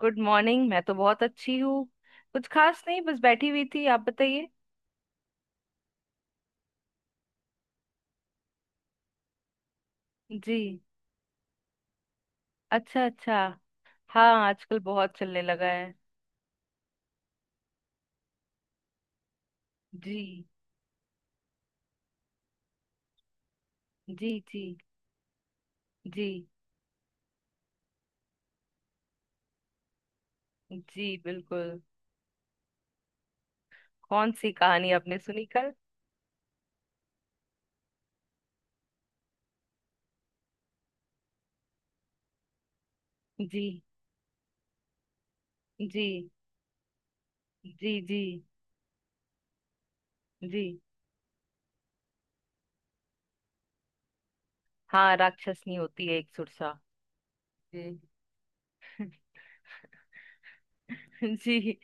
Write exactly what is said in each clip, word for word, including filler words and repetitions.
Good morning, मैं तो बहुत अच्छी हूँ। कुछ खास नहीं, बस बैठी हुई थी, आप बताइए। जी, अच्छा अच्छा। हाँ, आजकल बहुत चलने लगा है। जी जी। जी जी। जी, बिल्कुल। कौन सी कहानी आपने सुनी कल? जी। जी जी जी जी हाँ राक्षसनी होती है एक सुरसा जी जी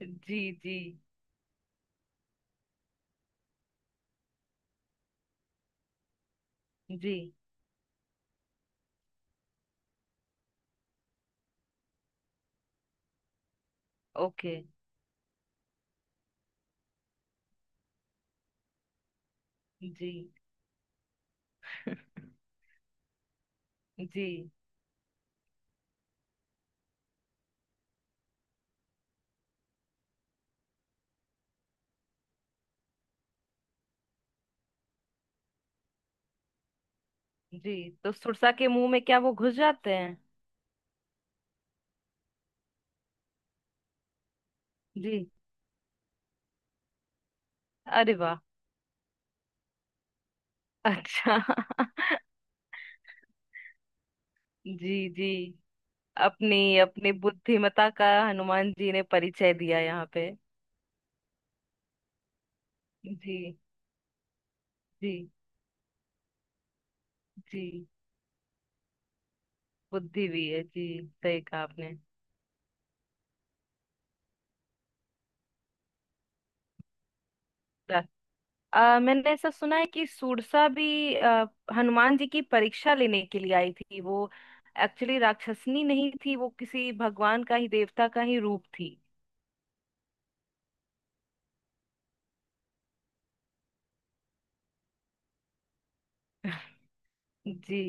जी। जी जी। ओके। जी। जी जी तो सुरसा के मुंह में क्या वो घुस जाते हैं? जी। अरे वाह! अच्छा। जी जी। अपनी अपनी बुद्धिमता का हनुमान जी ने परिचय दिया यहाँ पे। जी जी जी। बुद्धि भी है जी। सही कहा आपने। रा- आ, मैंने ऐसा सुना है कि सुरसा भी आ, हनुमान जी की परीक्षा लेने के लिए आई थी। वो एक्चुअली राक्षसनी नहीं थी, वो किसी भगवान का ही, देवता का ही रूप थी। जी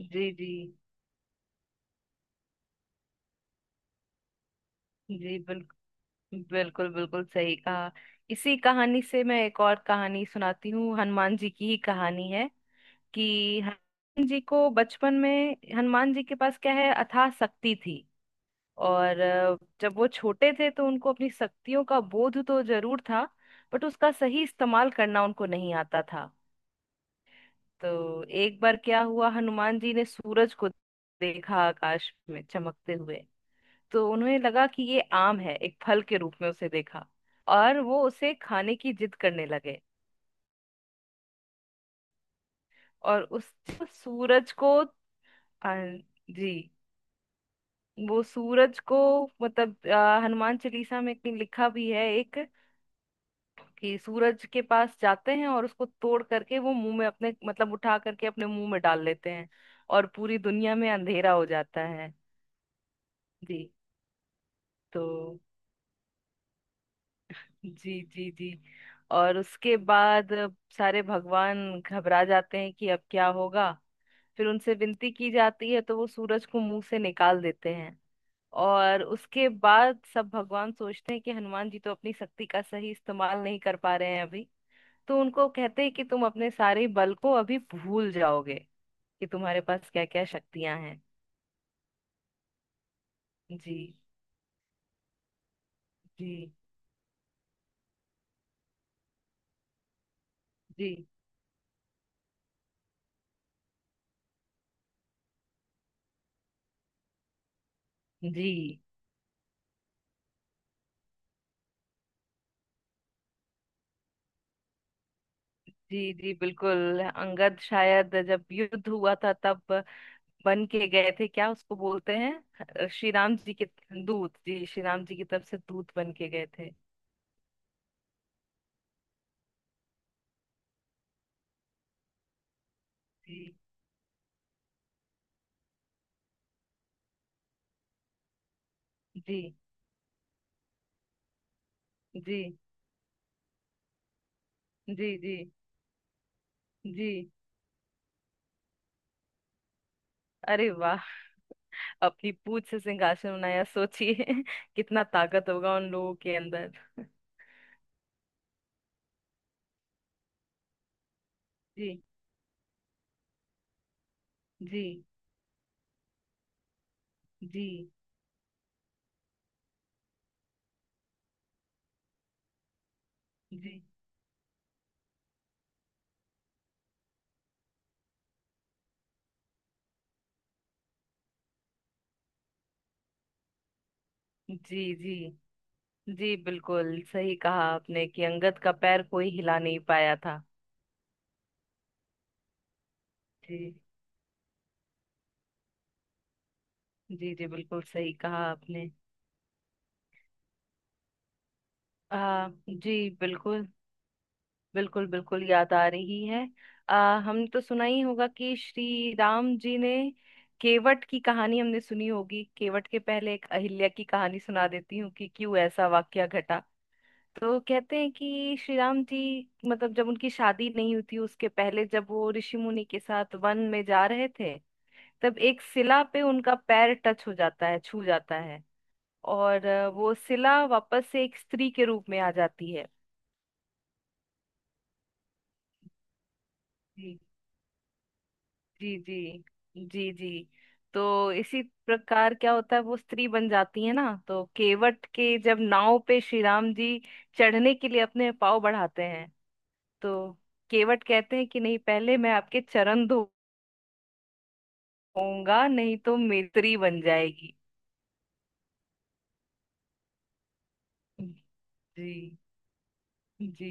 जी। जी जी, बिल्कुल। बिल्कुल बिल्कुल सही कहा। इसी कहानी से मैं एक और कहानी सुनाती हूँ, हनुमान जी की ही कहानी है, कि हनुमान जी को बचपन में, हनुमान जी के पास क्या है, अथाह शक्ति थी। और अ, जब वो छोटे थे तो उनको अपनी शक्तियों का बोध तो जरूर था, बट उसका सही इस्तेमाल करना उनको नहीं आता था। तो एक बार क्या हुआ, हनुमान जी ने सूरज को देखा आकाश में चमकते हुए। तो उन्हें लगा कि ये आम है, एक फल के रूप में उसे देखा, और वो उसे खाने की जिद करने लगे। और उस सूरज को, आ, जी, वो सूरज को, मतलब आ, हनुमान चालीसा में कहीं लिखा भी है एक, कि सूरज के पास जाते हैं और उसको तोड़ करके वो मुंह में अपने, मतलब उठा करके अपने मुंह में डाल लेते हैं, और पूरी दुनिया में अंधेरा हो जाता है। जी, तो, जी जी जी, और उसके बाद सारे भगवान घबरा जाते हैं कि अब क्या होगा। फिर उनसे विनती की जाती है तो वो सूरज को मुंह से निकाल देते हैं। और उसके बाद सब भगवान सोचते हैं कि हनुमान जी तो अपनी शक्ति का सही इस्तेमाल नहीं कर पा रहे हैं अभी। तो उनको कहते हैं कि तुम अपने सारे बल को अभी भूल जाओगे, कि तुम्हारे पास क्या क्या शक्तियां हैं। जी जी जी जी। जी जी, बिल्कुल। अंगद शायद जब युद्ध हुआ था तब बन के गए थे, क्या उसको बोलते हैं, श्री राम जी के दूत। जी, श्री राम जी की तरफ से दूत बन के गए थे। जी जी जी जी जी जी। अरे वाह! अपनी पूंछ से सिंहासन बनाया, सोचिए कितना ताकत होगा उन लोगों के अंदर। जी जी जी जी जी जी जी, बिल्कुल सही कहा आपने कि अंगद का पैर कोई हिला नहीं पाया था। जी जी जी, बिल्कुल सही कहा आपने। आ, जी, बिल्कुल। बिल्कुल बिल्कुल याद आ रही है। आ, हमने तो सुना ही होगा कि श्री राम जी ने, केवट की कहानी हमने सुनी होगी, केवट के पहले एक अहिल्या की कहानी सुना देती हूँ कि क्यों ऐसा वाकया घटा। तो कहते हैं कि श्री राम जी, मतलब जब उनकी शादी नहीं हुई थी उसके पहले, जब वो ऋषि मुनि के साथ वन में जा रहे थे, तब एक शिला पे उनका पैर टच हो जाता है, छू जाता है। और अ, वो शिला वापस से एक स्त्री के रूप में आ जाती है। जी जी। जी जी। तो इसी प्रकार क्या होता है, वो स्त्री बन जाती है ना, तो केवट के जब नाव पे श्री राम जी चढ़ने के लिए अपने पाँव बढ़ाते हैं, तो केवट कहते हैं कि नहीं, पहले मैं आपके चरण धोऊंगा, नहीं तो मेरी स्त्री बन जाएगी। जी। जी,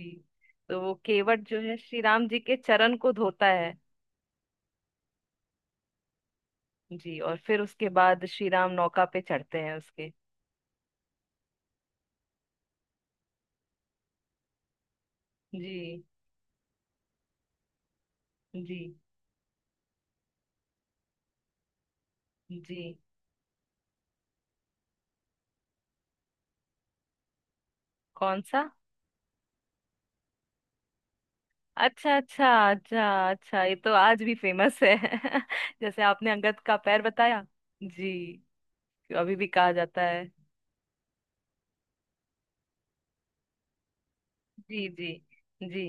तो वो केवट जो है श्री राम जी के चरण को धोता है। जी, और फिर उसके बाद श्री राम नौका पे चढ़ते हैं उसके। जी जी। जी। कौन सा? अच्छा अच्छा अच्छा अच्छा, ये तो आज भी फेमस है। जैसे आपने अंगद का पैर बताया। जी। अभी भी कहा जाता है। जी जी। जी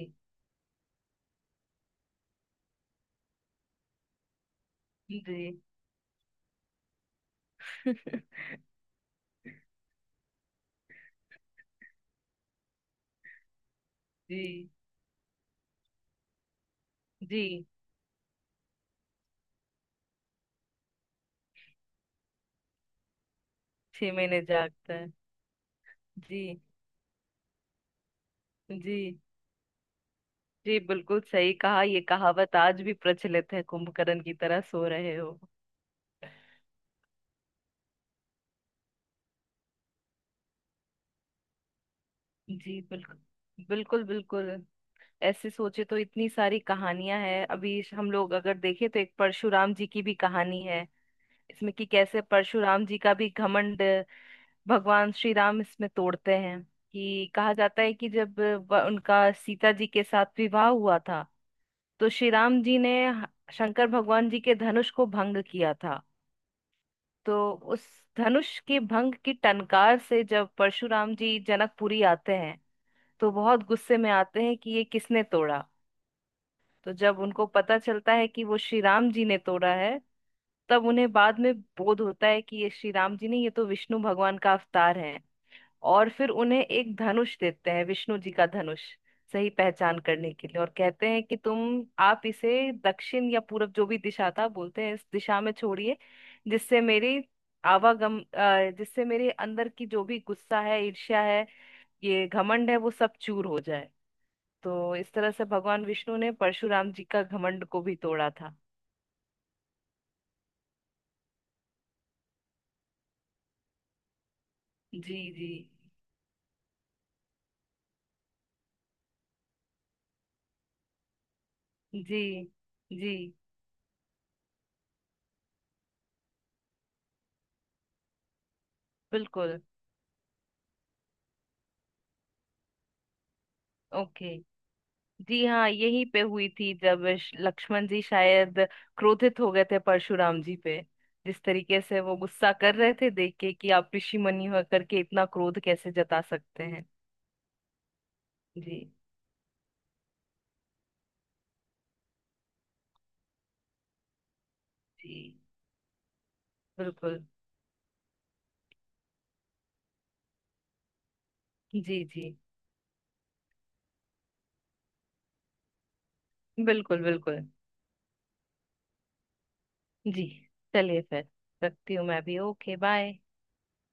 जी। जी जी। छह महीने जागता है। जी जी। जी, बिल्कुल सही कहा, ये कहावत आज भी प्रचलित है, कुंभकर्ण की तरह सो रहे हो। जी, बिल्कुल। बिल्कुल बिल्कुल। ऐसे सोचे तो इतनी सारी कहानियां हैं, अभी हम लोग अगर देखें तो एक परशुराम जी की भी कहानी है इसमें, कि कैसे परशुराम जी का भी घमंड भगवान श्री राम इसमें तोड़ते हैं। कि कहा जाता है कि जब व- उनका सीता जी के साथ विवाह हुआ था, तो श्री राम जी ने ह- शंकर भगवान जी के धनुष को भंग किया था। तो उस धनुष के भंग की टनकार से जब परशुराम जी जनकपुरी आते हैं, तो बहुत गुस्से में आते हैं कि ये किसने तोड़ा। तो जब उनको पता चलता है कि वो श्री राम जी ने तोड़ा है, तब उन्हें बाद में बोध होता है कि ये श्री राम जी नहीं, ये तो विष्णु भगवान का अवतार है। और फिर उन्हें एक धनुष देते हैं, विष्णु जी का धनुष, सही पहचान करने के लिए। और कहते हैं कि तुम, आप इसे दक्षिण या पूरब, जो भी दिशा था बोलते हैं, इस दिशा में छोड़िए, जिससे मेरी आवागम, अ, जिससे मेरे अंदर की जो भी गुस्सा है, ईर्ष्या है, ये घमंड है, वो सब चूर हो जाए। तो इस तरह से भगवान विष्णु ने परशुराम जी का घमंड को भी तोड़ा था। जी जी जी। जी, बिल्कुल। ओके। जी हाँ, यहीं पे हुई थी, जब श- लक्ष्मण जी शायद क्रोधित हो गए थे परशुराम जी पे, जिस तरीके से वो गुस्सा कर रहे थे, देख के कि आप ऋषि मुनि होकर के इतना क्रोध कैसे जता सकते हैं। जी। जी, बिल्कुल। जी जी। बिल्कुल बिल्कुल। जी, चलिए फिर, रखती हूँ मैं भी। Okay, bye.